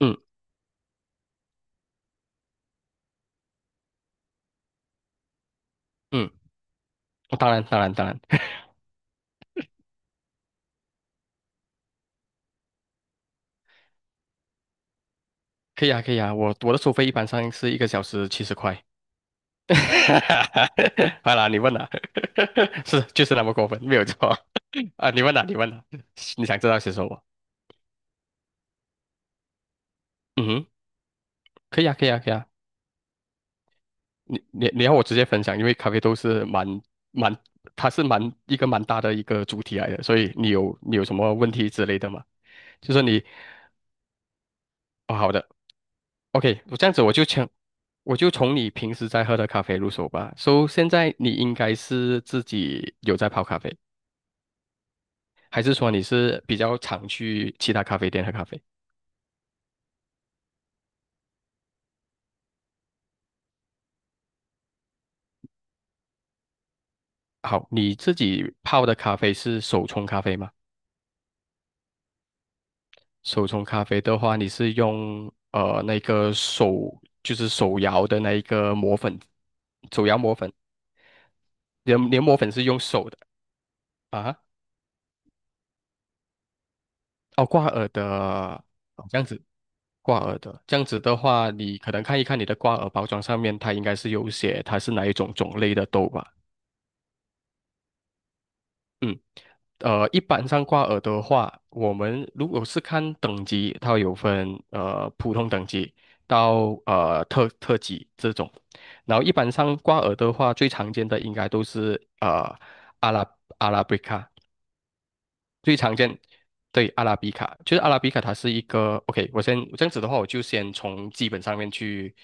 嗯嗯，当然当然当然，可以啊可以啊，我的收费一般上是一个小时70块。好啦，你问啦，是就是那么过分，没有错 啊。你问啦，你问啦，你想知道些什么？嗯哼，可以啊可以啊可以啊，你要我直接分享，因为咖啡豆是蛮蛮，它是蛮一个蛮大的一个主题来的，所以你有什么问题之类的吗？就说你哦好的。OK，我这样子我就从你平时在喝的咖啡入手吧。So，现在你应该是自己有在泡咖啡，还是说你是比较常去其他咖啡店喝咖啡？好，你自己泡的咖啡是手冲咖啡吗？手冲咖啡的话，你是用那个手就是手摇的那一个磨粉，手摇磨粉，你的磨粉是用手的啊？哦，挂耳的，哦这样子，挂耳的，这样子的话，你可能看一看你的挂耳包装上面，它应该是有写它是哪一种种类的豆吧。嗯，一般上挂耳的话，我们如果是看等级，它有分普通等级到特级这种，然后一般上挂耳的话，最常见的应该都是阿拉阿拉比卡，最常见，对，阿拉比卡，就是阿拉比卡，它是一个 OK。我先这样子的话，我就先从基本上面去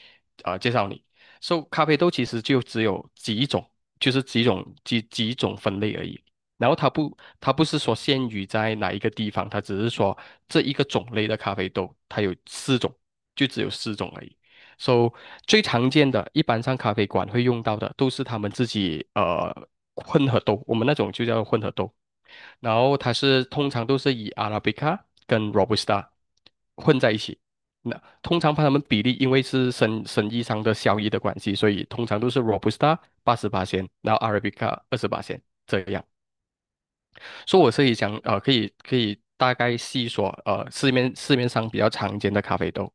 介绍你。So，咖啡豆其实就只有几种，就是几种分类而已。然后它不是说限于在哪一个地方，它只是说这一个种类的咖啡豆，它有四种，就只有四种而已。So，最常见的，一般上咖啡馆会用到的，都是他们自己混合豆，我们那种就叫混合豆。然后通常都是以 Arabica 跟 Robusta 混在一起。那通常把它们比例，因为是生意上的效益的关系，所以通常都是 Robusta 88仙然后 Arabica 28仙这样。所以我是以讲，可以大概细说，市面上比较常见的咖啡豆，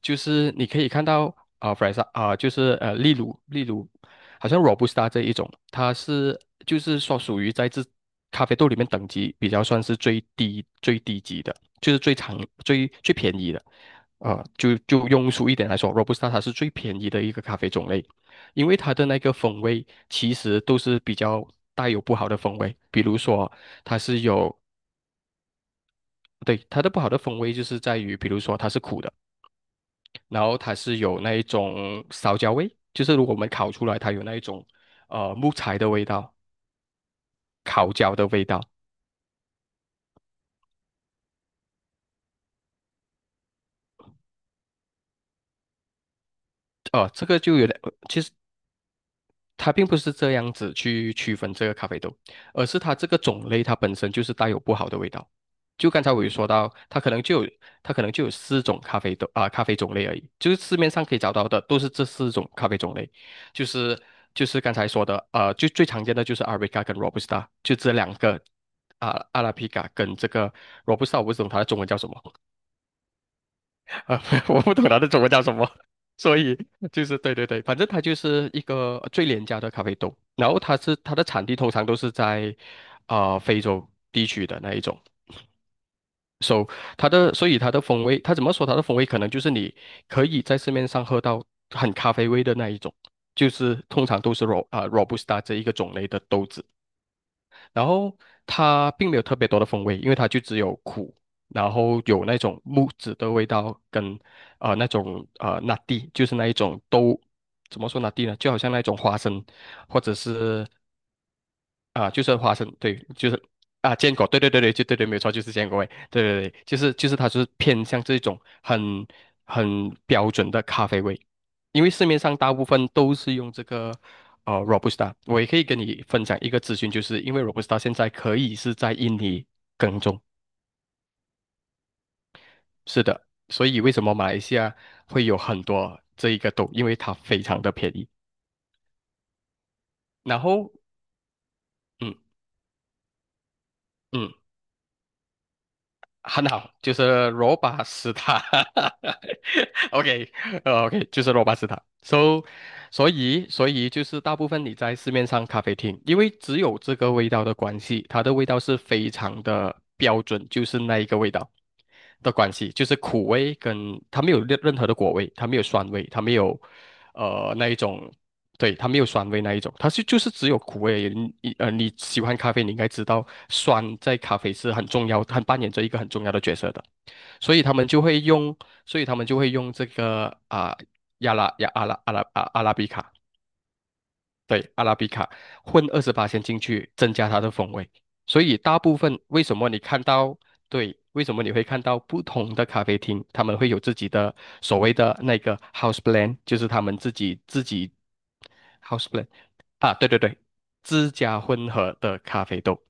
就是你可以看到，啊弗莱萨，啊、就是例如，好像 Robusta 这一种，它是就是说属于在这咖啡豆里面等级比较算是最低级的，就是最常最最便宜的，就庸俗一点来说，Robusta 它是最便宜的一个咖啡种类。因为它的那个风味其实都是比较带有不好的风味，比如说它是有，对，它的不好的风味就是在于，比如说它是苦的，然后它是有那一种烧焦味，就是如果我们烤出来，它有那一种木材的味道、烤焦的味道，这个就有点它并不是这样子去区分这个咖啡豆，而是它这个种类它本身就是带有不好的味道。就刚才我有说到，它可能就有四种咖啡豆啊、咖啡种类而已，就是市面上可以找到的都是这四种咖啡种类，就是就是刚才说的，就最常见的就是阿 r a b 跟罗布斯塔，就这两个啊、阿拉比卡跟这个 Robusta，我不懂它的中文叫什么，啊，我不懂它的中文叫什么，所以就是对对对，反正它就是一个最廉价的咖啡豆，然后它的产地通常都是在啊、非洲地区的那一种，so 所以它的风味，它怎么说它的风味可能就是你可以在市面上喝到很咖啡味的那一种，就是通常都是 robusta 这一个种类的豆子，然后它并没有特别多的风味，因为它就只有苦，然后有那种木质的味道跟那种拿地，就是那一种都怎么说拿地呢？就好像那种花生或者是啊，就是花生，对，就是啊，坚果，对对对对，就对对，没有错，就是坚果味，对对对，就是它就是偏向这种很标准的咖啡味，因为市面上大部分都是用这个Robusta，我也可以跟你分享一个资讯，就是因为 Robusta 现在可以是在印尼耕种，是的，所以为什么马来西亚会有很多这一个豆，因为它非常的便宜，然后嗯嗯，很好，就是罗巴斯塔。OK，OK，就是罗巴斯塔。So，所以就是大部分你在市面上咖啡厅，因为只有这个味道的关系，它的味道是非常的标准，就是那一个味道的关系，就是苦味跟它没有任何的果味，它没有酸味，它没有那一种，对，它没有酸味那一种，它是就是只有苦味而已。你喜欢咖啡，你应该知道酸在咖啡是很重要，它扮演着一个很重要的角色的。所以他们就会用，所以他们就会用这个啊、亚拉亚阿拉阿拉啊阿拉比卡，对，阿拉比卡混28先进去，增加它的风味。所以大部分为什么你看到，对，为什么你会看到不同的咖啡厅，他们会有自己的所谓的那个 house blend，就是他们自己 house blend 啊，对对对，自家混合的咖啡豆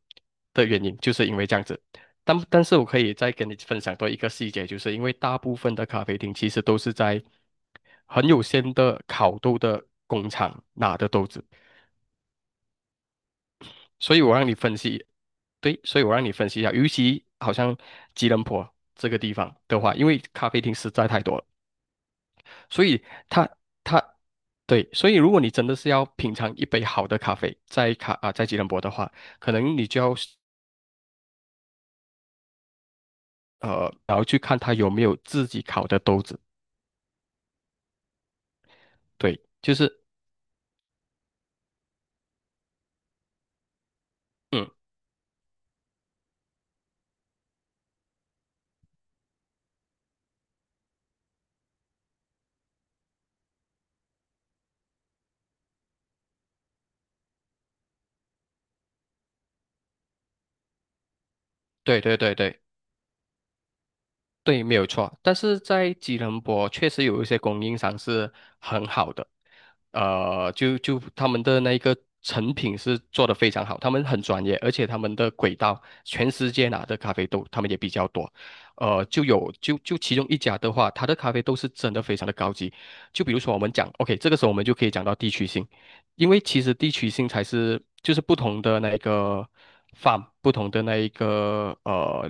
的原因，就是因为这样子。但是我可以再跟你分享多一个细节，就是因为大部分的咖啡厅其实都是在很有限的烤豆的工厂拿的豆子，所以我让你分析，对，所以我让你分析一下，尤其好像吉隆坡这个地方的话，因为咖啡厅实在太多了，所以它它对，所以如果你真的是要品尝一杯好的咖啡，在卡啊、在吉隆坡的话，可能你就要然后去看它有没有自己烤的豆子，对，就是。嗯。对对对对对，没有错。但是在吉隆坡确实有一些供应商是很好的，就他们的那个成品是做的非常好，他们很专业，而且他们的轨道全世界拿的咖啡豆他们也比较多，就有就就其中一家的话，它的咖啡豆是真的非常的高级。就比如说我们讲，OK，这个时候我们就可以讲到地区性。因为其实地区性才是就是不同的那一个 farm，不同的那一个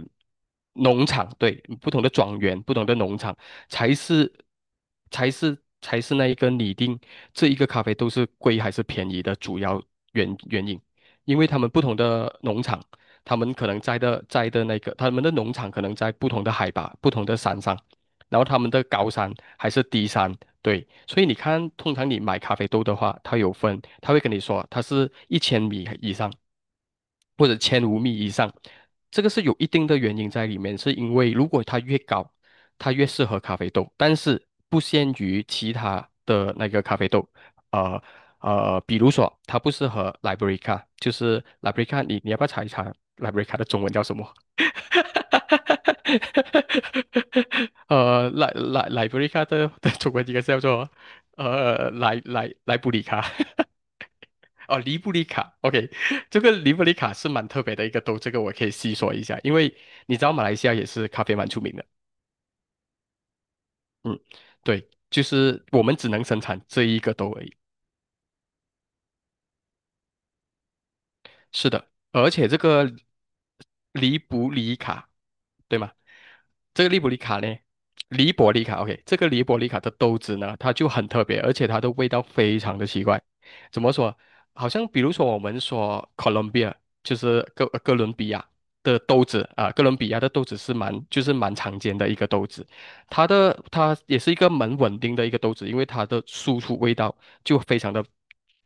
农场，对，不同的庄园，不同的农场才是才是才是那一个拟定这一个咖啡豆是贵还是便宜的主要原因，因为他们不同的农场，他们可能栽的那个他们的农场可能在不同的海拔、不同的山上，然后他们的高山还是低山。对，所以你看，通常你买咖啡豆的话，它有分，它会跟你说它是1000米以上，或者1500米以上，这个是有一定的原因在里面，是因为如果它越高，它越适合咖啡豆，但是不限于其他的那个咖啡豆，呃比如说它不适合 Liberica，就是 Liberica，你要不要查一查 Liberica 的中文叫什么？来来来，布里卡的 的中文應該是叫做呃萊萊萊布里卡。 哦，黎布里卡。OK，这个黎布里卡是蛮特别的一个豆，这个我可以细说一下，因为你知道马来西亚也是咖啡蛮出名的，嗯，对，就是我们只能生产这一个豆而已，是的，而且这个利布里卡，对吗？这个利布里卡呢，利伯利卡，OK，这个利伯利卡的豆子呢，它就很特别，而且它的味道非常的奇怪。怎么说？好像比如说我们说 Colombia，就是哥伦比亚的豆子啊，哥伦比亚的豆子是蛮就是蛮常见的一个豆子，它也是一个蛮稳定的一个豆子，因为它的输出味道就非常的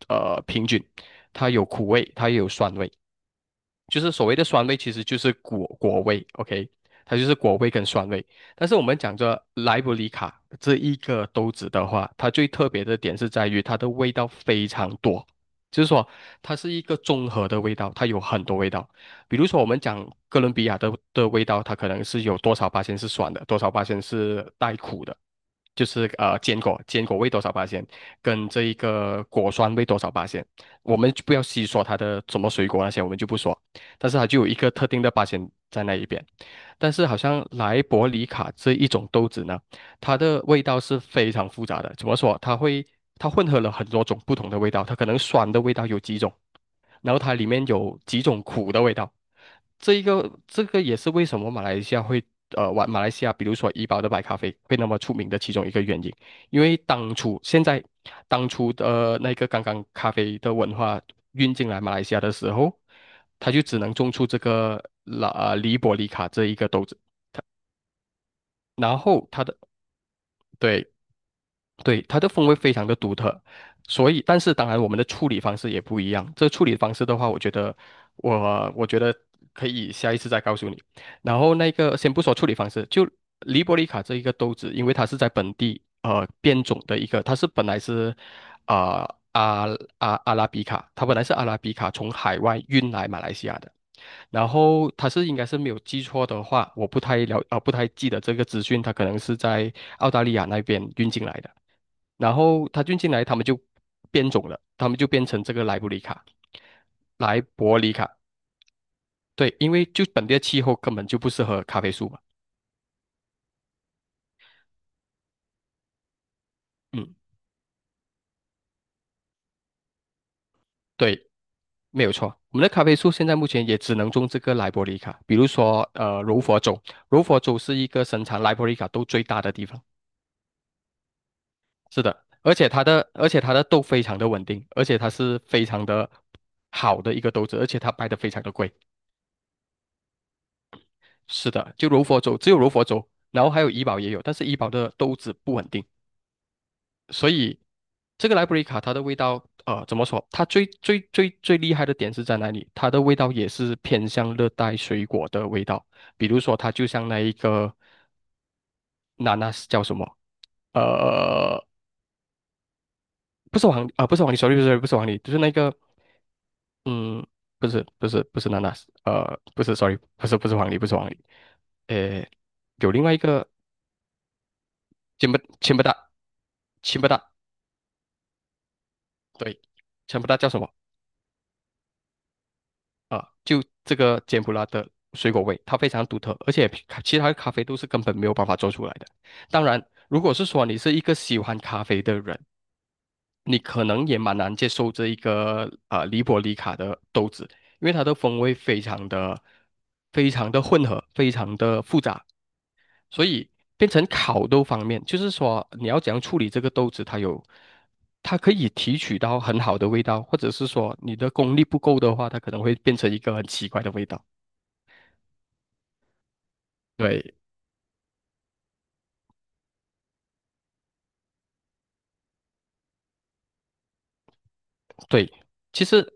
平均，它有苦味，它也有酸味。就是所谓的酸味，其实就是果味，OK，它就是果味跟酸味。但是我们讲着莱布里卡这一个豆子的话，它最特别的点是在于它的味道非常多，就是说它是一个综合的味道，它有很多味道。比如说我们讲哥伦比亚的味道，它可能是有多少八仙是酸的，多少八仙是带苦的。就是坚果，坚果味多少八仙，跟这一个果酸味多少八仙，我们就不要细说它的什么水果那些，我们就不说。但是它就有一个特定的八仙在那一边。但是好像莱伯里卡这一种豆子呢，它的味道是非常复杂的。怎么说？它混合了很多种不同的味道，它可能酸的味道有几种，然后它里面有几种苦的味道。这个也是为什么马来西亚会马来西亚比如说怡宝的白咖啡会那么出名的其中一个原因。因为当初的那个刚刚咖啡的文化运进来马来西亚的时候，他就只能种出这个黎伯里卡这一个豆子，然后他的对对，它的风味非常的独特，所以，但是当然我们的处理方式也不一样。这处理方式的话，我觉得我觉得可以下一次再告诉你。然后那个先不说处理方式，就黎波里卡这一个豆子，因为它是在本地变种的一个，它是本来是啊、呃、阿阿拉比卡，它本来是阿拉比卡从海外运来马来西亚的。然后他是应该是没有记错的话，我不太记得这个资讯，他可能是在澳大利亚那边运进来的。然后他运进来，他们就变种了，他们就变成这个莱伯里卡。对，因为就本地的气候根本就不适合咖啡树嘛。嗯，对，没有错。我们的咖啡树现在目前也只能种这个莱伯里卡，比如说柔佛州，柔佛州是一个生产莱伯里卡豆最大的地方。是的，而且它的豆非常的稳定，而且它是非常的好的一个豆子，而且它卖的非常的贵。是的，就柔佛州只有柔佛州，然后还有怡宝也有，但是怡宝的豆子不稳定，所以这个莱布里卡它的味道，呃，怎么说？它最厉害的点是在哪里？它的味道也是偏向热带水果的味道，比如说它就像那一个娜娜是叫什么？呃，不是黄梨 s o r r 不是黄梨，就是那个嗯，不是娜娜，不是，sorry，不是黄梨，不是黄梨，呃，有另外一个柬埔柬不寨柬不寨，对，柬埔寨叫什么啊？就这个柬埔寨的水果味，它非常独特，而且其他的咖啡都是根本没有办法做出来的。当然，如果是说你是一个喜欢咖啡的人，你可能也蛮难接受这一个啊黎伯里卡的豆子，因为它的风味非常的混合，非常的复杂。所以变成烤豆方面，就是说你要怎样处理这个豆子，它有，它可以提取到很好的味道，或者是说你的功力不够的话，它可能会变成一个很奇怪的味道。对对，其实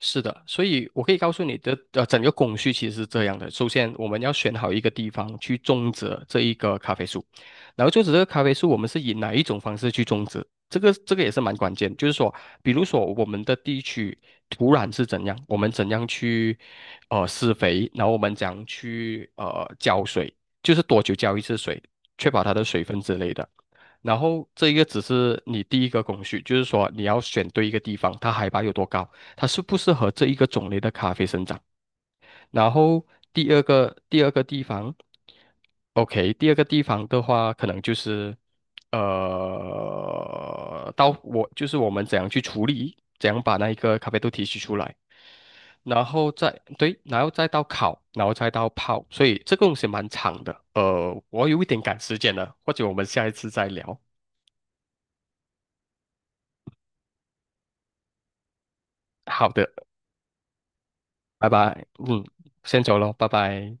是的，所以我可以告诉你的，呃，整个工序其实是这样的。首先，我们要选好一个地方去种植这一个咖啡树，然后种植这个咖啡树，我们是以哪一种方式去种植？这个也是蛮关键，就是说，比如说我们的地区土壤是怎样，我们怎样去施肥，然后我们怎样去浇水，就是多久浇一次水，确保它的水分之类的。然后这一个只是你第一个工序，就是说你要选对一个地方，它海拔有多高，它适不适合这一个种类的咖啡生长。然后第二个地方，OK，第二个地方的话，可能就是呃，我们怎样去处理，怎样把那一个咖啡豆提取出来，然后然后再到烤，然后再到泡，所以这个东西蛮长的。呃，我有一点赶时间了，或者我们下一次再聊。好的，拜拜。嗯，先走喽，拜拜。